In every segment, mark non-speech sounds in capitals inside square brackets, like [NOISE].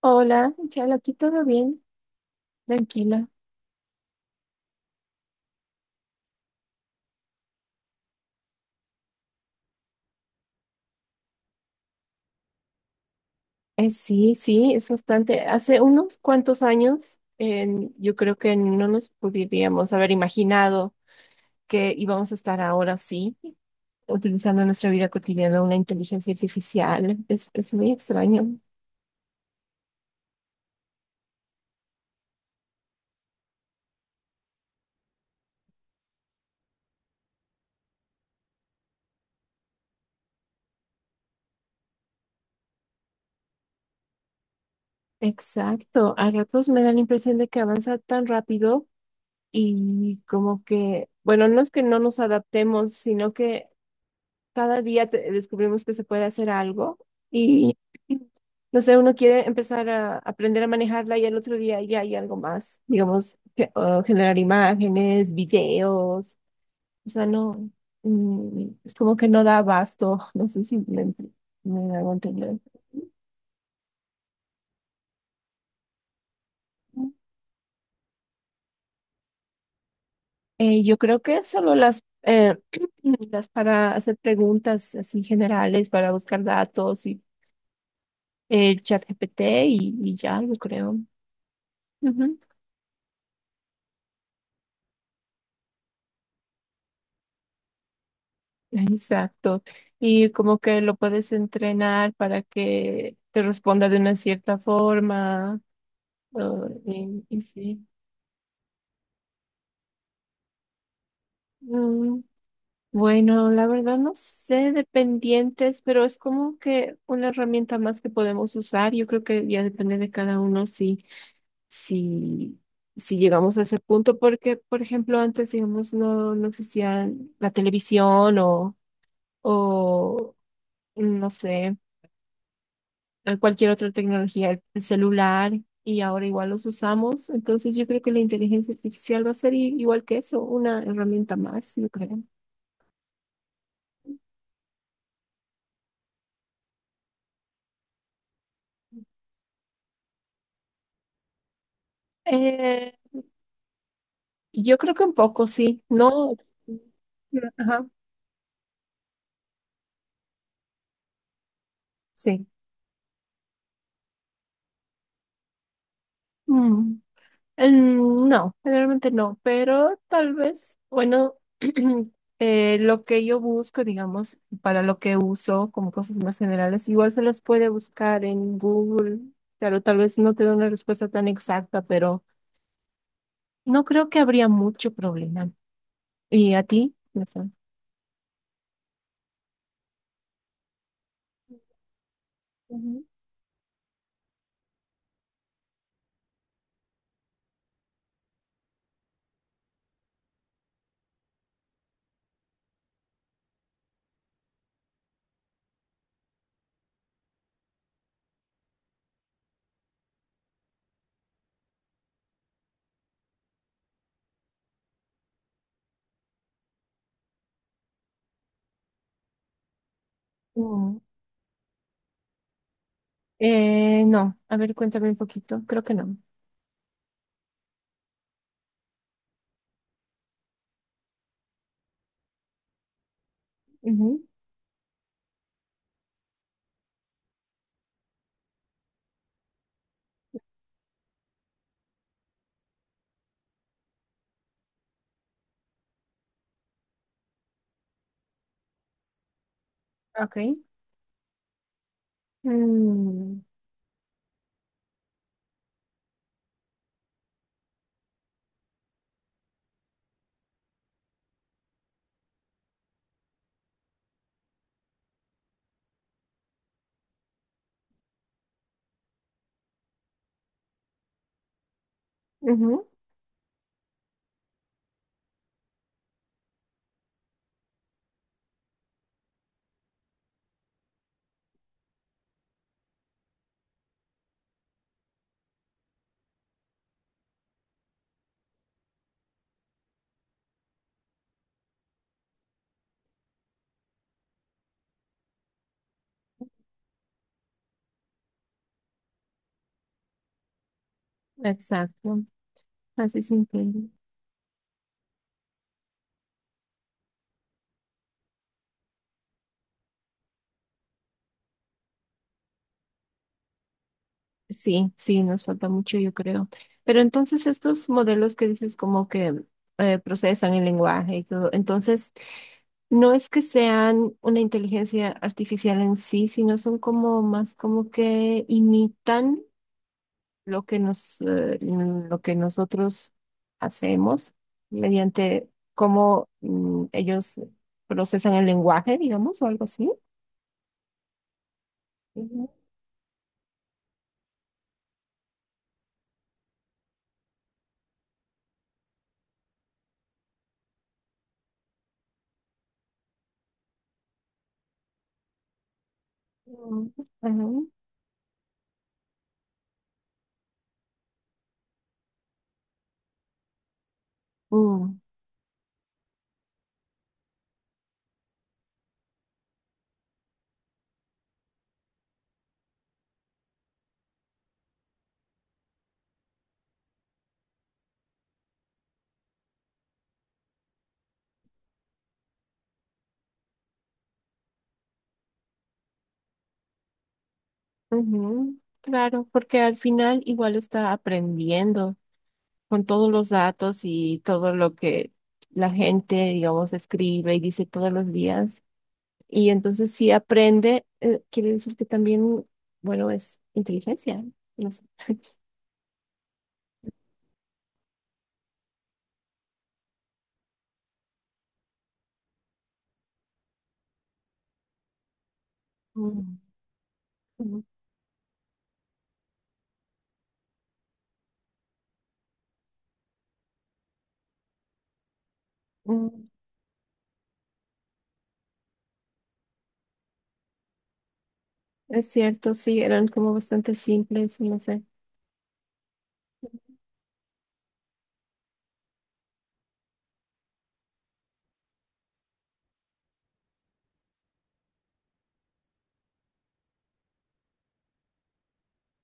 Hola, Chal, aquí todo bien, tranquila. Sí, es bastante. Hace unos cuantos años, yo creo que no nos podríamos haber imaginado que íbamos a estar ahora sí, utilizando en nuestra vida cotidiana una inteligencia artificial. Es muy extraño. Exacto, a ratos me da la impresión de que avanza tan rápido y como que, bueno, no es que no nos adaptemos, sino que cada día descubrimos que se puede hacer algo y, no sé, uno quiere empezar a aprender a manejarla y al otro día ya hay algo más, digamos, o generar imágenes, videos, o sea, no, es como que no da abasto, [LAUGHS] no sé si me, me hago entender. Yo creo que solo las, [CLEARS THROAT] las para hacer preguntas así generales, para buscar datos y el chat GPT y ya, yo creo. Ujú. Exacto. Y como que lo puedes entrenar para que te responda de una cierta forma. Y sí. Mm, bueno, la verdad no sé de pendientes, pero es como que una herramienta más que podemos usar. Yo creo que ya depende de cada uno si, si llegamos a ese punto, porque, por ejemplo, antes, digamos, no existía la televisión o no sé a cualquier otra tecnología, el celular, y ahora igual los usamos. Entonces yo creo que la inteligencia artificial va a ser igual que eso, una herramienta más, yo creo. Eh, yo creo que un poco, sí. No. Ajá, sí. Mm, No, generalmente no, pero tal vez, bueno, [CLEARS THROAT] lo que yo busco, digamos, para lo que uso como cosas más generales, igual se las puede buscar en Google. Claro, tal vez no te da una respuesta tan exacta, pero no creo que habría mucho problema. ¿Y a ti? No sé. Ujú. Mm, no, a ver, cuéntame un poquito. Creo que no. Ujú. Ok. Mm, ujú, exacto. Así se entiende. Sí, sí, nos falta mucho, yo creo. Pero entonces estos modelos que dices como que procesan el lenguaje y todo, entonces no es que sean una inteligencia artificial en sí, sino son como que imitan. Lo que nos, lo que nosotros hacemos mediante cómo ellos procesan el lenguaje, digamos, o algo así. Ujú, ujú, ujú, mm, ujú. Claro, porque al final igual está aprendiendo con todos los datos y todo lo que la gente, digamos, escribe y dice todos los días. Y entonces si aprende, quiere decir que también, bueno, es inteligencia. No sé. [LAUGHS] Mm, mm, es cierto, sí, eran como bastante simples, no sé.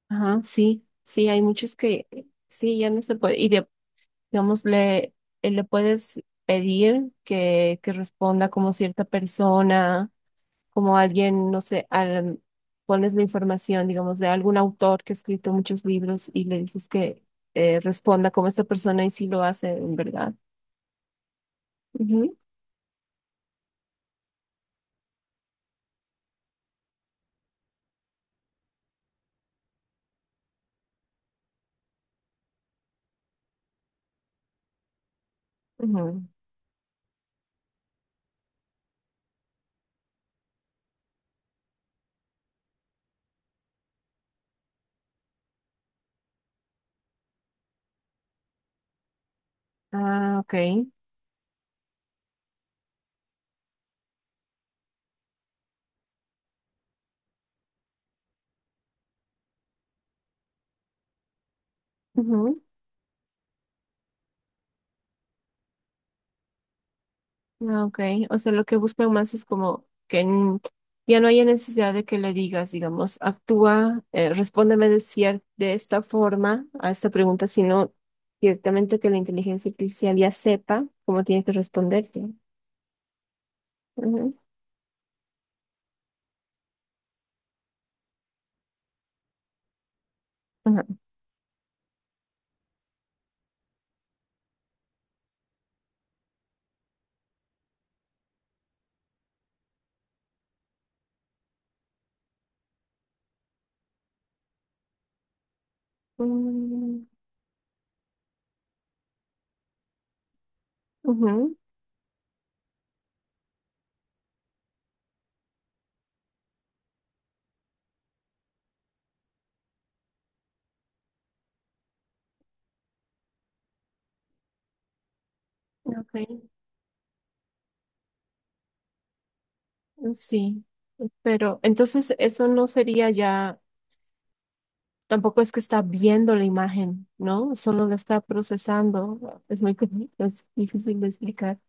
Ajá, sí, sí, hay muchos que sí, ya no se puede. Digamos, le puedes pedir que responda como cierta persona, como alguien, no sé, pones la información, digamos, de algún autor que ha escrito muchos libros y le dices que responda como esta persona y sí lo hace, en verdad. Ujú, ujú. Ah, ok. Ah, ok, o sea, lo que buscan más es como que ya no haya necesidad de que le digas, digamos, actúa, respóndeme de de esta forma a esta pregunta, sino directamente que la inteligencia artificial ya sepa cómo tiene que responderte. Ujú, ajá. Mm, ujú, ok, sí, pero entonces eso no sería ya, tampoco es que está viendo la imagen, ¿no? Solo la está procesando. Es muy, [LAUGHS] es difícil de explicar.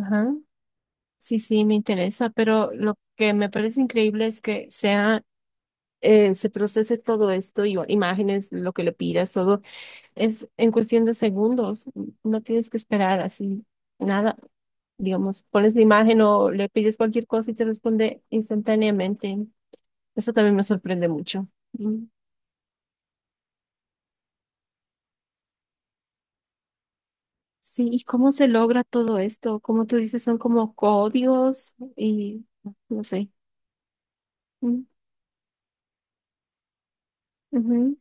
Ajá. Sí, sí, me interesa, pero lo que me parece increíble es que sea, se procese todo esto y imágenes, lo que le pidas, todo es en cuestión de segundos. No tienes que esperar así nada. Digamos, pones la imagen o le pides cualquier cosa y te responde instantáneamente. Eso también me sorprende mucho. Mm. Sí, ¿y cómo se logra todo esto? Como tú dices, son como códigos y no sé. Mm, ujú,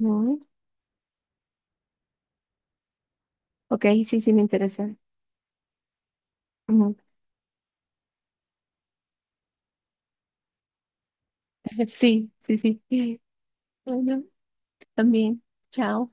mm. Ok, sí, sí, me interesa. Ujú. [LAUGHS] Sí, sí, sí. Bueno, también. Chao.